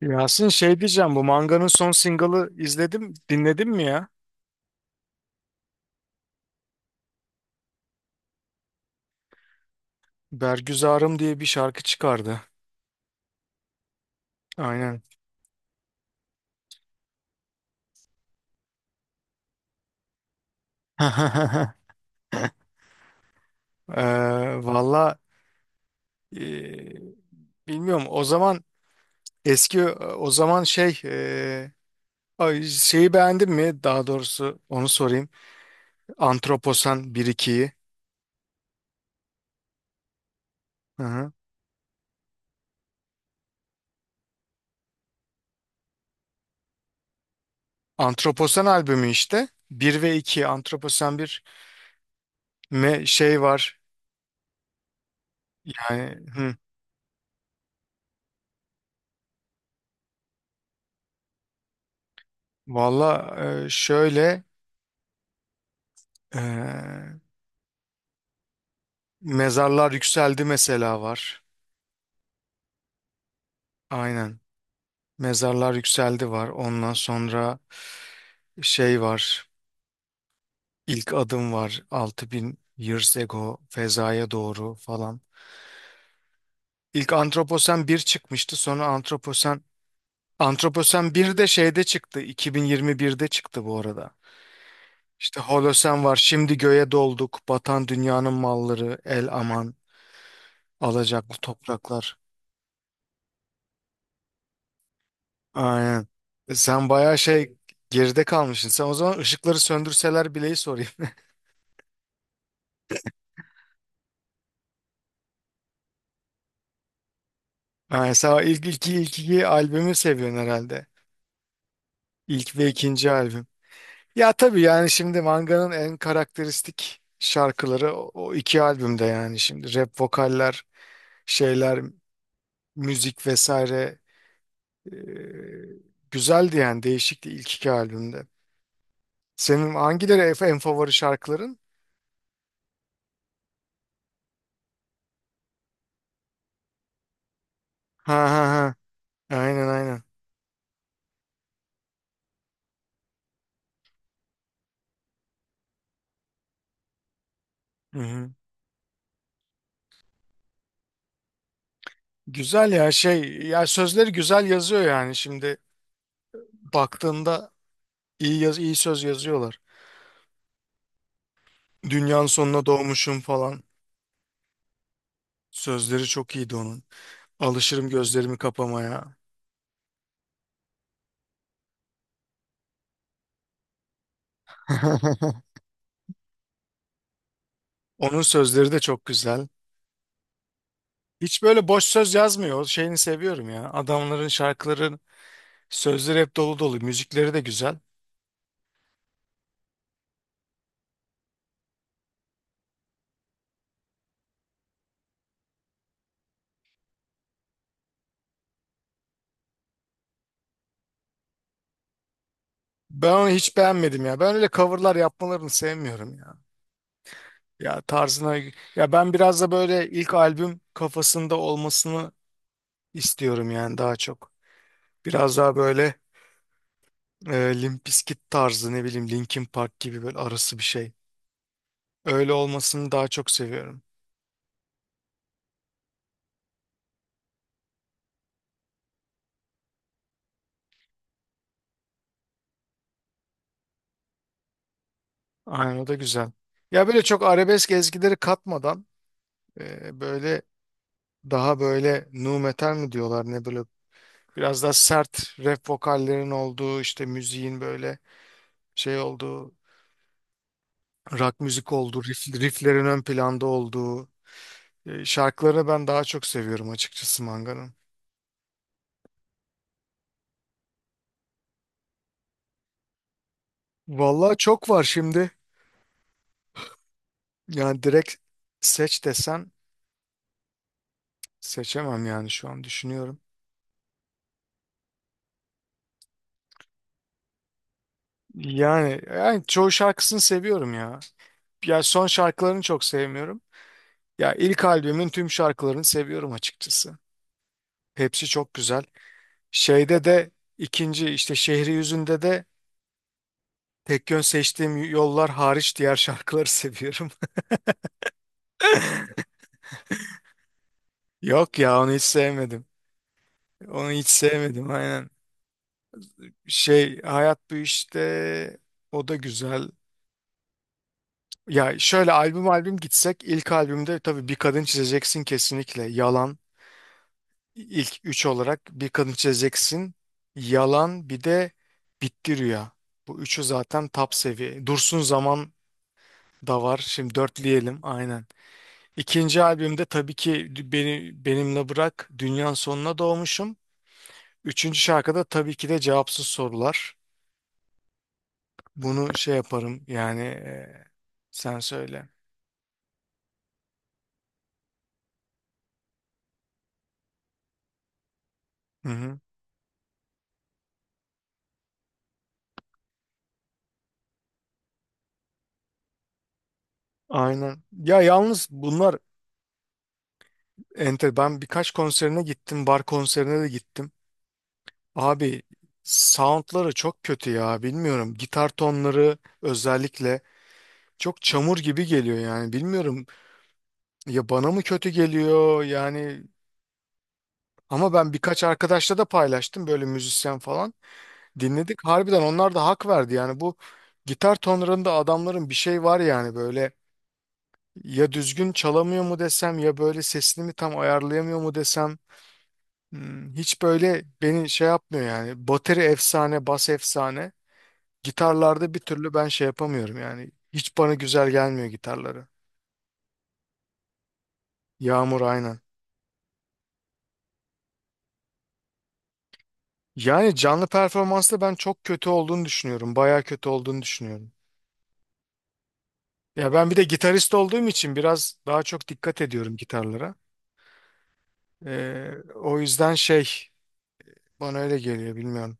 Yasin, şey diyeceğim, bu manganın son single'ı izledim dinledin mi ya? Bergüzarım diye bir şarkı çıkardı. Aynen. Ee, valla e, bilmiyorum o zaman, eski o zaman şey ay, şeyi beğendin mi? Daha doğrusu onu sorayım. Antroposan bir ikiyi. Hı hı. Antroposan albümü işte, bir ve 2. Antroposan bir me şey var. Yani hı. Valla şöyle e, Mezarlar Yükseldi mesela var. Aynen. Mezarlar Yükseldi var. Ondan sonra şey var. İlk adım var. 6000 years ago fezaya doğru falan. İlk Antroposen bir çıkmıştı. Sonra Antroposen bir de şeyde çıktı. 2021'de çıktı bu arada. İşte Holosen var. Şimdi göğe dolduk. Batan dünyanın malları. El aman. Alacaklı topraklar. Aynen. Sen bayağı şey geride kalmışsın. Sen o zaman ışıkları söndürseler Bile'yi sorayım. Aynen. Sen o ilk iki albümü seviyorsun herhalde. İlk ve ikinci albüm. Ya tabii yani, şimdi manganın en karakteristik şarkıları o iki albümde, yani şimdi rap vokaller, şeyler, müzik vesaire e, güzeldi yani, değişikti ilk iki albümde. Senin hangileri en favori şarkıların? Ha ha ha. Aynen aynen. Güzel ya, şey ya, sözleri güzel yazıyor yani, şimdi baktığında iyi yaz, iyi söz yazıyorlar. Dünyanın sonuna doğmuşum falan. Sözleri çok iyiydi onun. Alışırım gözlerimi kapamaya. Onun sözleri de çok güzel. Hiç böyle boş söz yazmıyor. O şeyini seviyorum ya. Adamların şarkıların sözleri hep dolu dolu. Müzikleri de güzel. Ben onu hiç beğenmedim ya. Ben öyle coverlar yapmalarını sevmiyorum ya. Ya tarzına, ya ben biraz da böyle ilk albüm kafasında olmasını istiyorum yani, daha çok. Biraz daha böyle Limp Bizkit tarzı, ne bileyim, Linkin Park gibi böyle arası bir şey. Öyle olmasını daha çok seviyorum. Aynen, o da güzel. Ya böyle çok arabesk ezgileri katmadan böyle, daha böyle nu metal mi diyorlar ne, böyle biraz daha sert rap vokallerin olduğu, işte müziğin böyle şey olduğu, rock müzik olduğu, riff, rifflerin ön planda olduğu şarkılarını ben daha çok seviyorum açıkçası Manga'nın. Vallahi çok var şimdi. Yani direkt seç desen seçemem, yani şu an düşünüyorum. Yani, yani çoğu şarkısını seviyorum ya. Ya son şarkılarını çok sevmiyorum. Ya ilk albümün tüm şarkılarını seviyorum açıkçası. Hepsi çok güzel. Şeyde de, ikinci işte Şehri Yüzünde de tek yön seçtiğim yollar hariç diğer şarkıları seviyorum. Yok ya, onu hiç sevmedim. Onu hiç sevmedim aynen. Şey Hayat Bu İşte, o da güzel. Ya şöyle albüm albüm gitsek, ilk albümde tabii Bir Kadın Çizeceksin kesinlikle. Yalan, ilk üç olarak Bir Kadın Çizeceksin. Yalan, bir de Bitti Rüya. Bu üçü zaten top seviye. Dursun Zaman da var. Şimdi dörtleyelim aynen. İkinci albümde tabii ki beni, Benimle Bırak, Dünyanın Sonuna Doğmuşum. Üçüncü şarkıda tabii ki de Cevapsız Sorular. Bunu şey yaparım yani, sen söyle. Hı hı. Aynen. Ya yalnız bunlar enter. Ben birkaç konserine gittim. Bar konserine de gittim. Abi, soundları çok kötü ya. Bilmiyorum. Gitar tonları özellikle çok çamur gibi geliyor yani. Bilmiyorum ya, bana mı kötü geliyor yani. Ama ben birkaç arkadaşla da paylaştım, böyle müzisyen falan. Dinledik. Harbiden onlar da hak verdi yani, bu gitar tonlarında adamların bir şey var yani böyle. Ya düzgün çalamıyor mu desem, ya böyle sesini mi tam ayarlayamıyor mu desem, hiç böyle beni şey yapmıyor yani. Bateri efsane, bas efsane. Gitarlarda bir türlü ben şey yapamıyorum yani. Hiç bana güzel gelmiyor gitarları. Yağmur aynen. Yani canlı performansta ben çok kötü olduğunu düşünüyorum. Baya kötü olduğunu düşünüyorum. Ya ben bir de gitarist olduğum için biraz daha çok dikkat ediyorum gitarlara. O yüzden şey, bana öyle geliyor, bilmiyorum.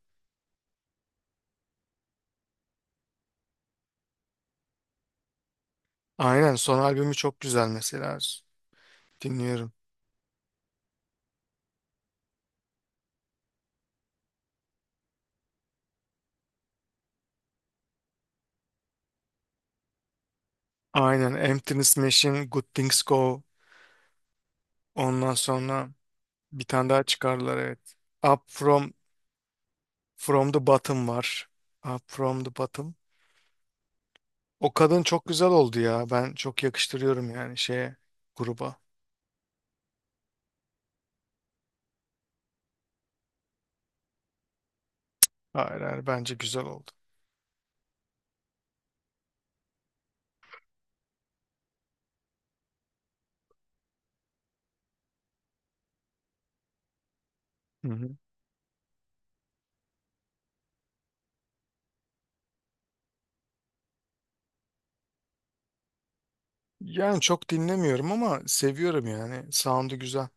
Aynen, son albümü çok güzel mesela. Dinliyorum. Aynen. Emptiness Machine, Good Things Go. Ondan sonra bir tane daha çıkardılar evet. Up From the Bottom var. Up From the Bottom. O kadın çok güzel oldu ya. Ben çok yakıştırıyorum yani şeye, gruba. Hayır hayır, bence güzel oldu. Hı hı. Yani çok dinlemiyorum ama seviyorum yani. Sound'u güzel.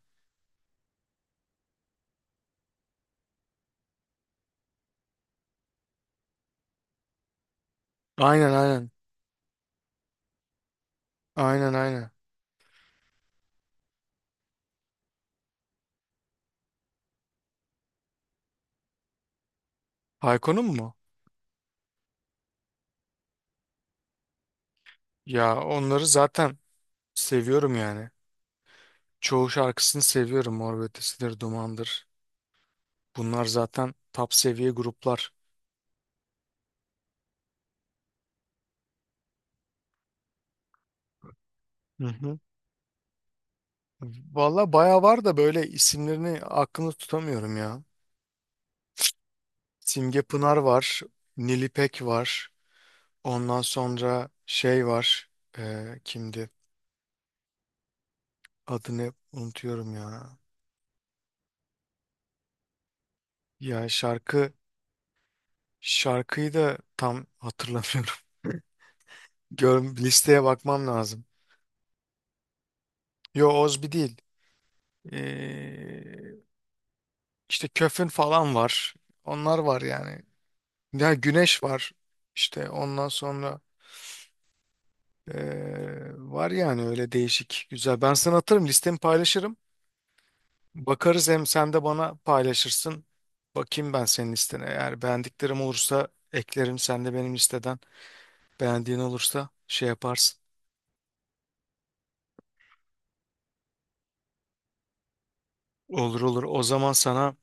Aynen aynen. Aynen aynen. Hayko'nun mu? Ya onları zaten seviyorum yani. Çoğu şarkısını seviyorum. Mor ve Ötesi'dir, Duman'dır. Bunlar zaten top seviye gruplar. Hı hı. Valla bayağı var da böyle isimlerini aklımda tutamıyorum ya. Simge Pınar var. Nilipek var. Ondan sonra şey var. Kimdi? Adını unutuyorum ya. Ya şarkıyı da tam hatırlamıyorum. Gör, listeye bakmam lazım. Yo, Ozbi değil. Ee, işte Köfün falan var. Onlar var yani. Ya güneş var, işte ondan sonra var yani, öyle değişik güzel. Ben sana atarım, listemi paylaşırım. Bakarız, hem sen de bana paylaşırsın. Bakayım ben senin listene. Eğer beğendiklerim olursa eklerim. Sen de benim listeden beğendiğin olursa şey yaparsın. Olur olur. O zaman sana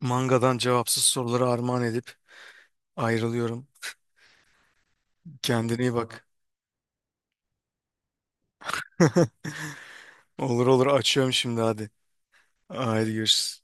mangadan cevapsız soruları armağan edip ayrılıyorum. Kendine iyi bak. Olur olur, açıyorum şimdi, hadi. Haydi görüşürüz.